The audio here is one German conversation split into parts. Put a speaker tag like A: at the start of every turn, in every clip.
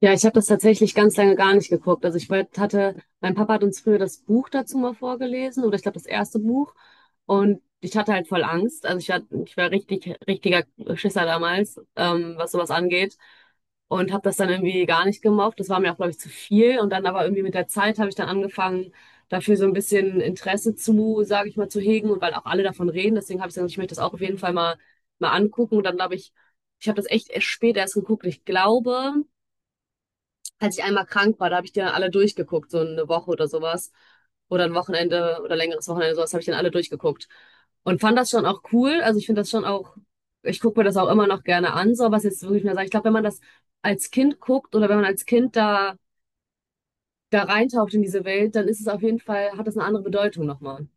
A: Ja, ich habe das tatsächlich ganz lange gar nicht geguckt. Also hatte, mein Papa hat uns früher das Buch dazu mal vorgelesen oder ich glaube das erste Buch und ich hatte halt voll Angst. Also ich war richtig, richtiger Schisser damals, was sowas angeht und habe das dann irgendwie gar nicht gemocht. Das war mir auch, glaube ich, zu viel und dann aber irgendwie mit der Zeit habe ich dann angefangen, dafür so ein bisschen Interesse zu, sage ich mal, zu hegen und weil auch alle davon reden. Deswegen habe ich gesagt, ich möchte das auch auf jeden Fall mal angucken und dann glaube ich, ich habe das echt erst spät erst geguckt. Ich glaube, als ich einmal krank war, da habe ich die dann alle durchgeguckt, so eine Woche oder sowas. Oder ein Wochenende oder längeres Wochenende, sowas habe ich dann alle durchgeguckt. Und fand das schon auch cool. Also ich finde das schon auch, ich gucke mir das auch immer noch gerne an, so was jetzt wirklich mehr sagen. Ich glaube, wenn man das als Kind guckt oder wenn man als Kind da reintaucht in diese Welt, dann ist es auf jeden Fall, hat das eine andere Bedeutung nochmal.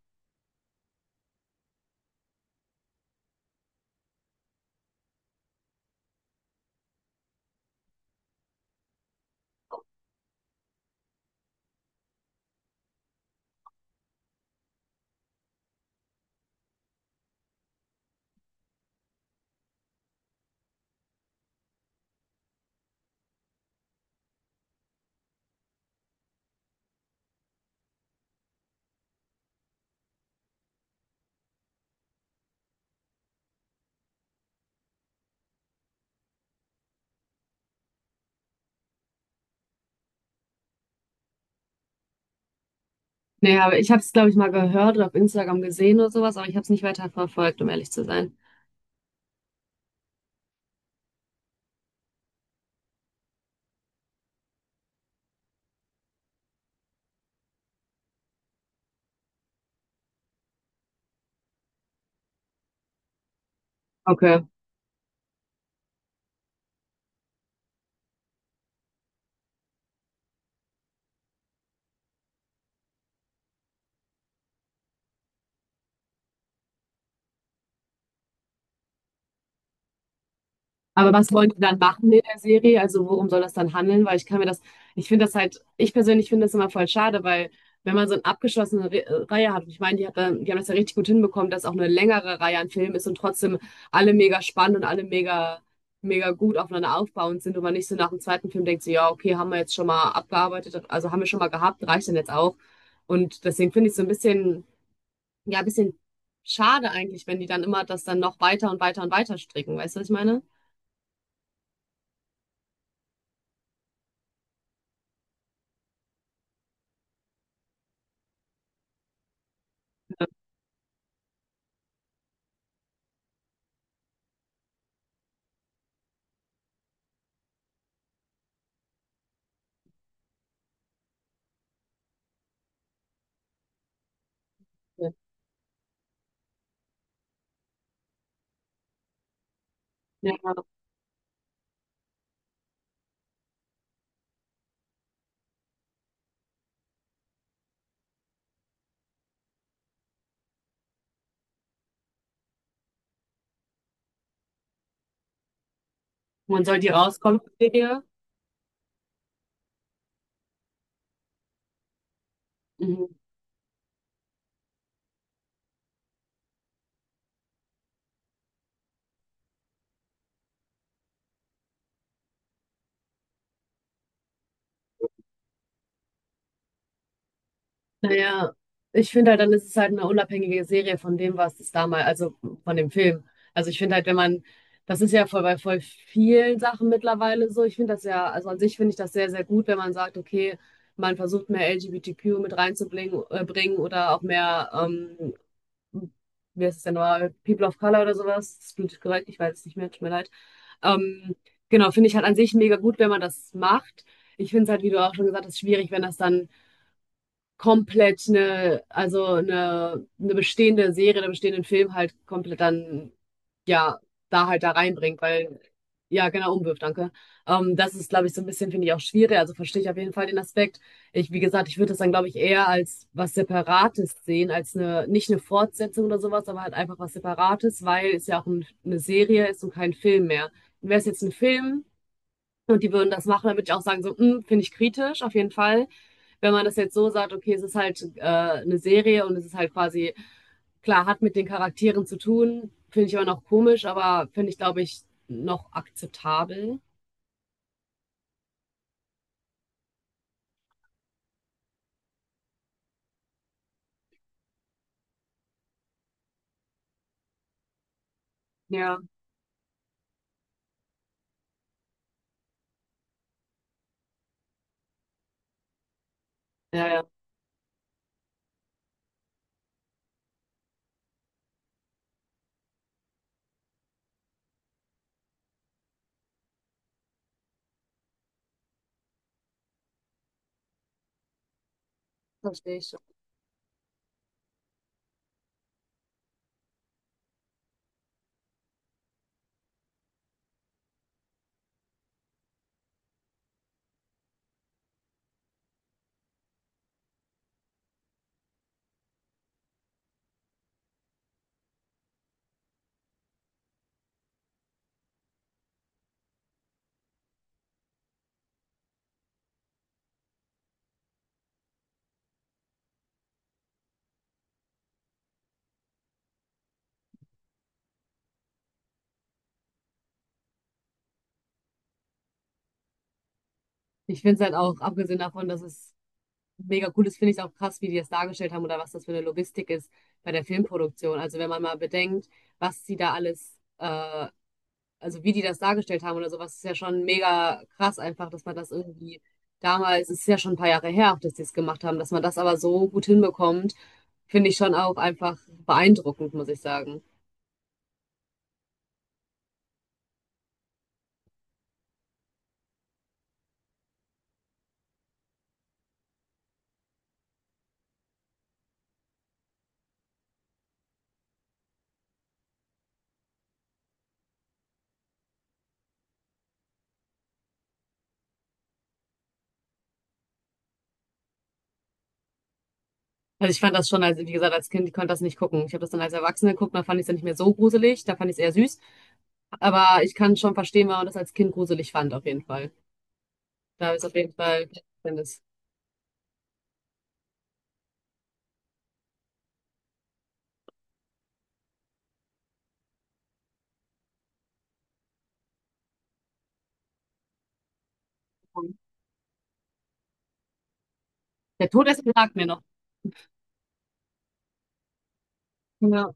A: Nee, aber ich habe es, glaube ich, mal gehört oder auf Instagram gesehen oder sowas, aber ich habe es nicht weiter verfolgt, um ehrlich zu sein. Okay. Aber was wollen die dann machen in der Serie? Also worum soll das dann handeln? Weil ich kann mir das, ich finde das halt, ich persönlich finde das immer voll schade, weil wenn man so eine abgeschlossene Re Reihe hat, und ich meine, die hat dann, die haben das ja richtig gut hinbekommen, dass auch eine längere Reihe an Filmen ist und trotzdem alle mega spannend und alle mega gut aufeinander aufbauend sind und man nicht so nach dem zweiten Film denkt, so, ja, okay, haben wir jetzt schon mal abgearbeitet, also haben wir schon mal gehabt, reicht dann jetzt auch. Und deswegen finde ich es so ein ja, ein bisschen schade eigentlich, wenn die dann immer das dann noch weiter und weiter und weiter stricken. Weißt du, was ich meine? Ja. Ja. Wann soll die rauskommen, die Serie? Mhm. Naja, ich finde halt, dann ist es halt eine unabhängige Serie von dem, was es damals, also von dem Film. Also ich finde halt, wenn man, das ist ja voll bei voll vielen Sachen mittlerweile so. Ich finde das ja, also an sich finde ich das sehr, sehr gut, wenn man sagt, okay, man versucht mehr LGBTQ mit reinzubringen bringen oder auch mehr, wie heißt es denn nochmal, People of Color oder sowas. Das ist politisch korrekt, ich weiß es nicht mehr, tut mir leid. Ähm, genau, finde ich halt an sich mega gut, wenn man das macht. Ich finde es halt, wie du auch schon gesagt hast, schwierig, wenn das dann komplett also eine bestehende Serie, einen bestehenden Film halt komplett ja, da halt da reinbringt, ja, genau, umwirft, danke. Das ist, glaube ich, so ein bisschen, finde ich, auch schwierig. Also verstehe ich auf jeden Fall den Aspekt. Ich, wie gesagt, ich würde das dann, glaube ich, eher als was Separates sehen, als eine, nicht eine Fortsetzung oder sowas, aber halt einfach was Separates, weil es ja auch ein, eine Serie ist und kein Film mehr. Wäre es jetzt ein Film, und die würden das machen, damit ich auch sagen, so, "Mm, finde ich kritisch, auf jeden Fall. Wenn man das jetzt so sagt, okay, es ist halt eine Serie und es ist halt quasi, klar, hat mit den Charakteren zu tun, finde ich aber noch komisch, aber finde ich, glaube ich, noch akzeptabel. Ja, ja, verstehe ich schon. Ich finde es halt auch, abgesehen davon, dass es mega cool ist, finde ich es auch krass, wie die das dargestellt haben oder was das für eine Logistik ist bei der Filmproduktion. Also wenn man mal bedenkt, was sie da alles also wie die das dargestellt haben oder sowas, ist ja schon mega krass einfach, dass man das irgendwie damals, es ist ja schon ein paar Jahre her, auch dass die es gemacht haben, dass man das aber so gut hinbekommt, finde ich schon auch einfach beeindruckend, muss ich sagen. Also ich fand das schon, als, wie gesagt, als Kind, ich konnte das nicht gucken. Ich habe das dann als Erwachsene geguckt, da fand ich es dann nicht mehr so gruselig, da fand ich es eher süß. Aber ich kann schon verstehen, warum man das als Kind gruselig fand, auf jeden Fall. Da ist auf jeden Fall Verständnis. Der Todesser sagt mir noch. Ja.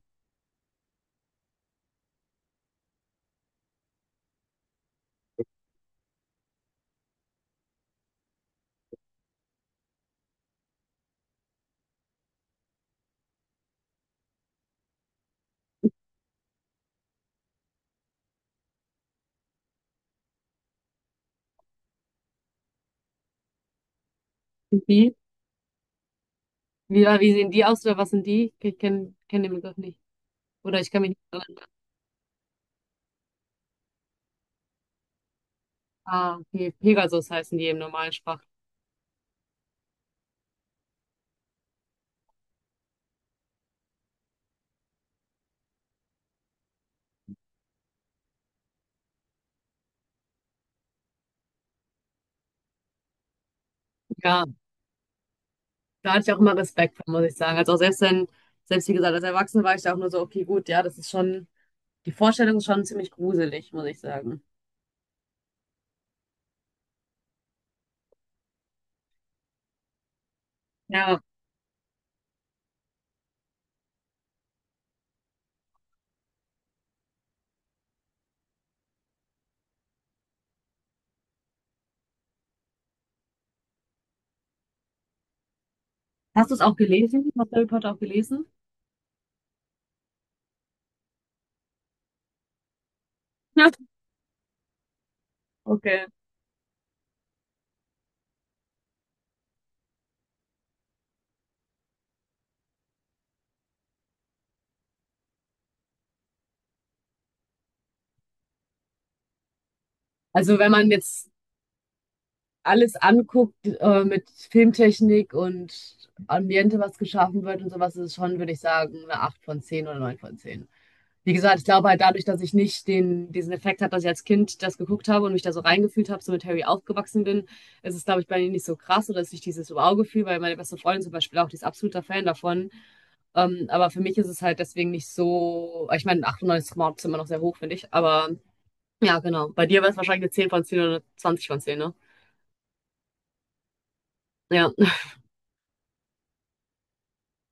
A: Sind die? Wie sehen die aus oder was sind die? Ich kenne kenn kenn den Begriff nicht. Oder ich kann mich nicht erinnern. Ah, okay. Pegasus heißen die im normalen Sprach. Ja, da hatte ich auch immer Respekt vor, muss ich sagen. Also auch selbst wenn, selbst wie gesagt, als Erwachsene war ich da auch nur so, okay, gut, ja, das ist schon, die Vorstellung ist schon ziemlich gruselig, muss ich sagen. Ja. Hast du es auch gelesen? Hast du Harry Potter auch gelesen? Ja. Okay. Also wenn man jetzt alles anguckt mit Filmtechnik und Ambiente, was geschaffen wird und sowas, ist es schon, würde ich sagen, eine 8 von 10 oder 9 von 10. Wie gesagt, ich glaube halt dadurch, dass ich nicht den, diesen Effekt hatte, dass ich als Kind das geguckt habe und mich da so reingefühlt habe, so mit Harry aufgewachsen bin, ist es, glaube ich, bei mir nicht so krass oder ist nicht dieses Wow-Gefühl, weil meine beste Freundin zum Beispiel auch, die ist absoluter Fan davon. Aber für mich ist es halt deswegen nicht so, ich meine, 98 Mord ist immer noch sehr hoch, finde ich, aber ja, genau. Bei dir wäre es wahrscheinlich eine 10 von 10 oder eine 20 von 10. Ne? Ja.